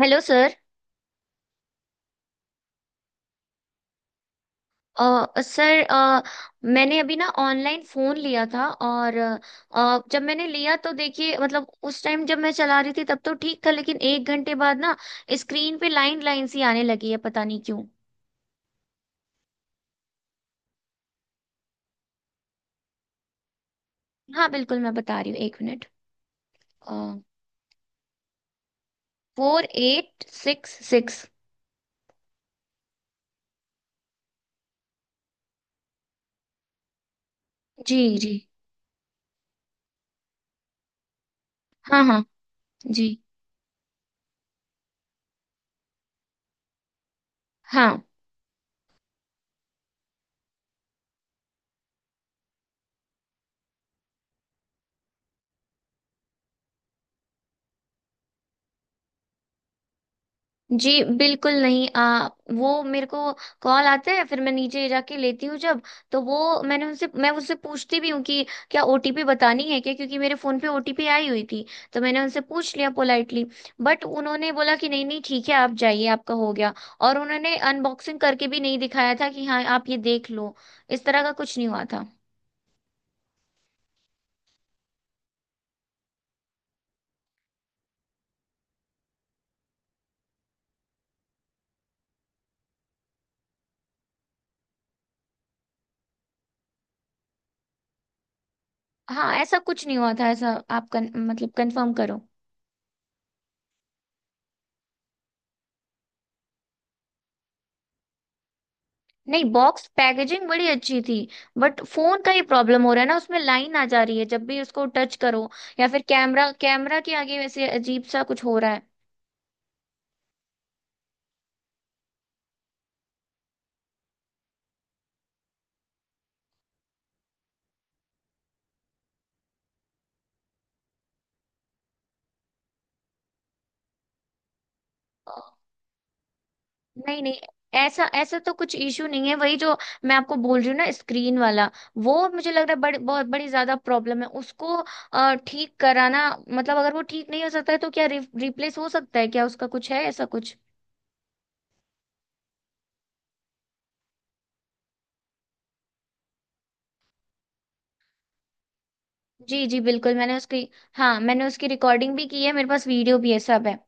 Hello sir. Sir, मैंने अभी ना ऑनलाइन फ़ोन लिया था, और जब मैंने लिया तो देखिए, मतलब उस टाइम जब मैं चला रही थी तब तो ठीक था, लेकिन एक घंटे बाद ना स्क्रीन पे लाइन लाइन सी आने लगी है, पता नहीं क्यों। हाँ बिल्कुल, मैं बता रही हूँ, एक मिनट। 4866। जी। जी। हाँ हाँ। जी। हाँ। जी बिल्कुल नहीं। वो मेरे को कॉल आता है, फिर मैं नीचे जाके लेती हूँ जब। तो वो मैं उससे पूछती भी हूँ कि क्या ओटीपी बतानी है क्या, क्योंकि मेरे फोन पे ओटीपी आई हुई थी। तो मैंने उनसे पूछ लिया पोलाइटली, बट उन्होंने बोला कि नहीं नहीं, ठीक है, आप जाइए, आपका हो गया। और उन्होंने अनबॉक्सिंग करके भी नहीं दिखाया था कि हाँ आप ये देख लो, इस तरह का कुछ नहीं हुआ था। हाँ, ऐसा कुछ नहीं हुआ था, ऐसा आप मतलब कंफर्म करो। नहीं, बॉक्स पैकेजिंग बड़ी अच्छी थी, बट फोन का ही प्रॉब्लम हो रहा है ना, उसमें लाइन आ जा रही है जब भी उसको टच करो। या फिर कैमरा, कैमरा के आगे वैसे अजीब सा कुछ हो रहा है। नहीं नहीं, ऐसा ऐसा तो कुछ इशू नहीं है, वही जो मैं आपको बोल रही हूँ ना, स्क्रीन वाला। वो मुझे लग रहा है बहुत बड़ी ज्यादा प्रॉब्लम है उसको। ठीक कराना, मतलब अगर वो ठीक नहीं हो सकता है तो क्या रिप्लेस हो सकता है क्या, उसका कुछ है ऐसा कुछ। जी जी बिल्कुल, मैंने उसकी हाँ मैंने उसकी रिकॉर्डिंग भी की है, मेरे पास वीडियो भी है, सब है।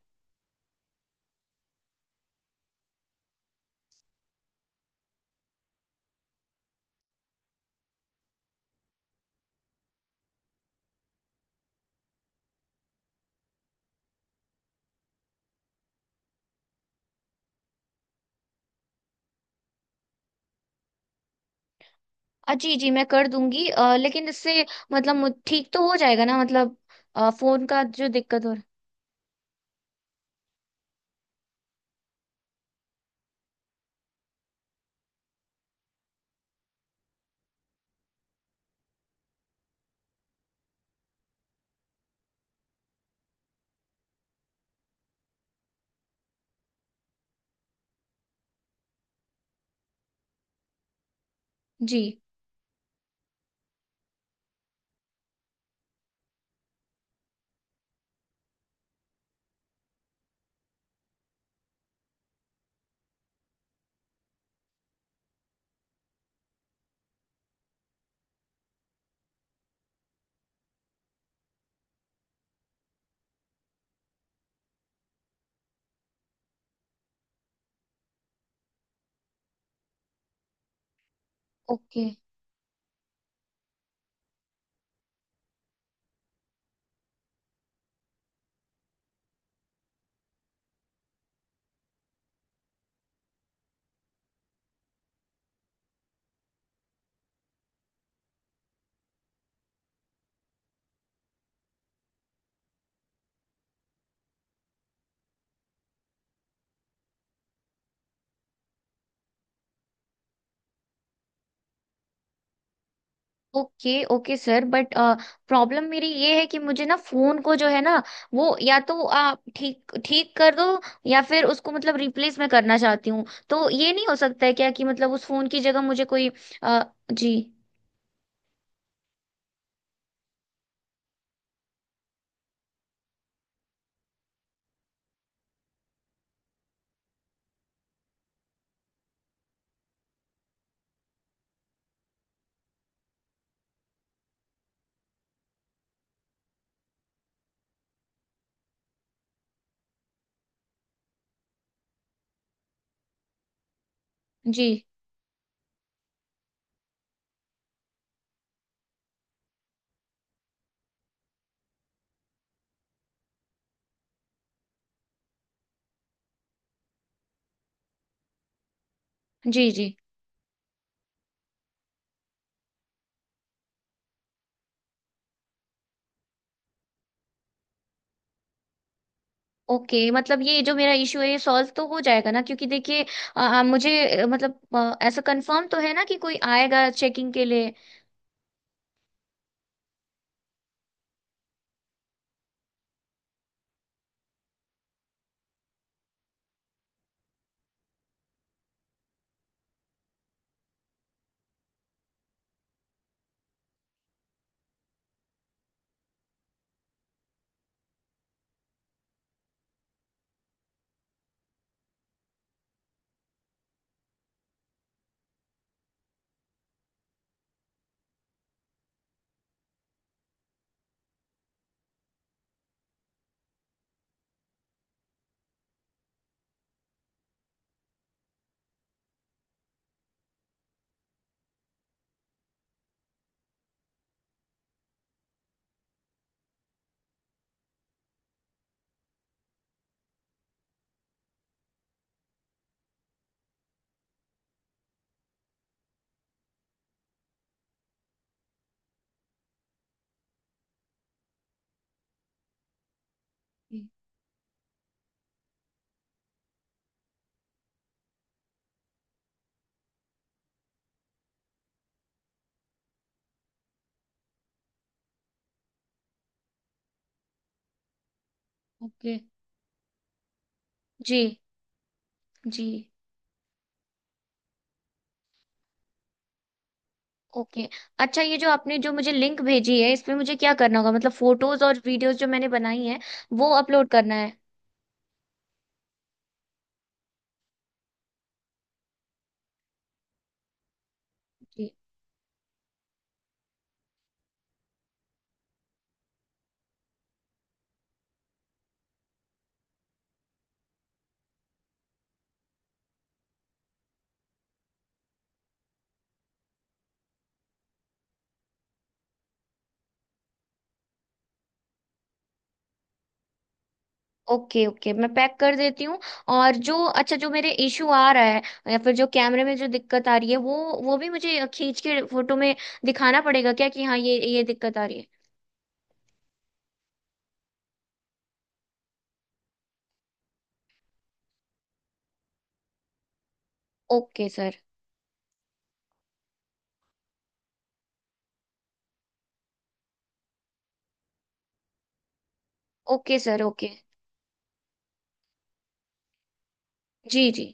जी जी, मैं कर दूंगी, लेकिन इससे मतलब ठीक तो हो जाएगा ना मतलब। फोन का जो दिक्कत हो रहा। जी। Okay. Okay. Okay sir, but problem मेरी ये है कि मुझे ना फोन को जो है ना, वो या तो आप ठीक ठीक कर दो, या फिर उसको मतलब रिप्लेस मैं करना चाहती हूँ। तो ये नहीं हो सकता है क्या कि मतलब उस फोन की जगह मुझे कोई। अ, जी। जी जी। जी ओके, मतलब ये जो मेरा इश्यू है ये सॉल्व तो हो जाएगा ना, क्योंकि देखिए मुझे मतलब ऐसा कंफर्म तो है ना कि कोई आएगा चेकिंग के लिए। ओके। जी जी। ओके। अच्छा, ये जो आपने जो मुझे लिंक भेजी है इसमें मुझे क्या करना होगा, मतलब फोटोज और वीडियोज जो मैंने बनाई है वो अपलोड करना है। जी। ओके ओके, मैं पैक कर देती हूँ। और जो अच्छा जो मेरे इशू आ रहा है, या फिर जो कैमरे में जो दिक्कत आ रही है वो भी मुझे खींच के फोटो में दिखाना पड़ेगा क्या कि हाँ ये दिक्कत आ रही है। Okay sir. Okay sir. Okay. जी जी।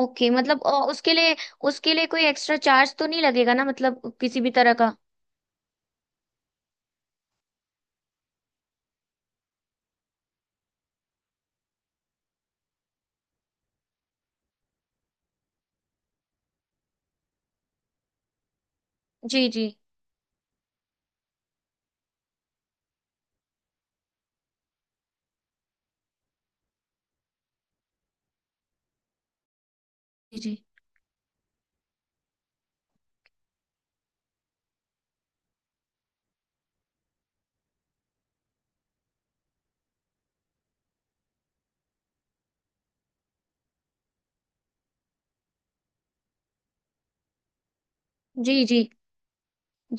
ओके मतलब उसके लिए कोई एक्स्ट्रा चार्ज तो नहीं लगेगा ना मतलब, किसी भी तरह का। जी जी। जी जी। जी जी।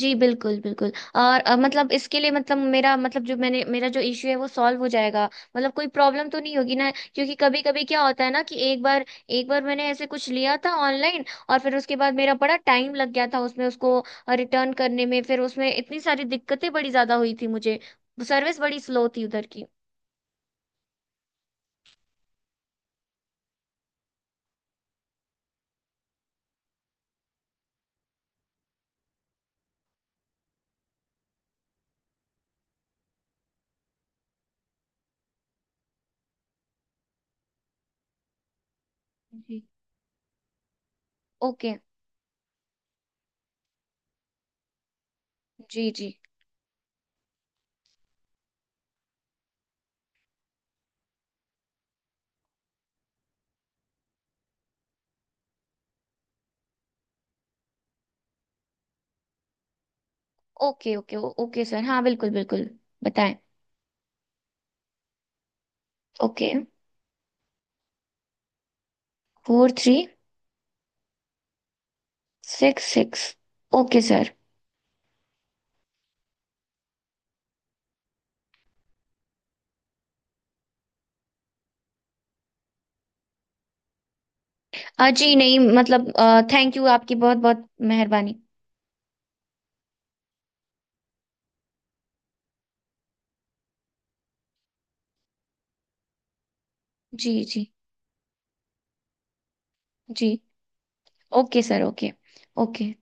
जी बिल्कुल बिल्कुल। और मतलब इसके लिए मतलब मेरा मतलब जो मैंने मेरा जो इश्यू है वो सॉल्व हो जाएगा, मतलब कोई प्रॉब्लम तो नहीं होगी ना, क्योंकि कभी कभी क्या होता है ना कि एक बार मैंने ऐसे कुछ लिया था ऑनलाइन, और फिर उसके बाद मेरा बड़ा टाइम लग गया था उसमें, उसको रिटर्न करने में, फिर उसमें इतनी सारी दिक्कतें बड़ी ज्यादा हुई थी मुझे, सर्विस बड़ी स्लो थी उधर की। जी। ओके। जी जी। ओके ओके ओके सर, हाँ बिल्कुल बिल्कुल। बताएं। ओके। 4366 okay sir. जी नहीं मतलब, थैंक यू, आपकी बहुत बहुत मेहरबानी। जी। जी जी। Okay sir. ओके। ओके।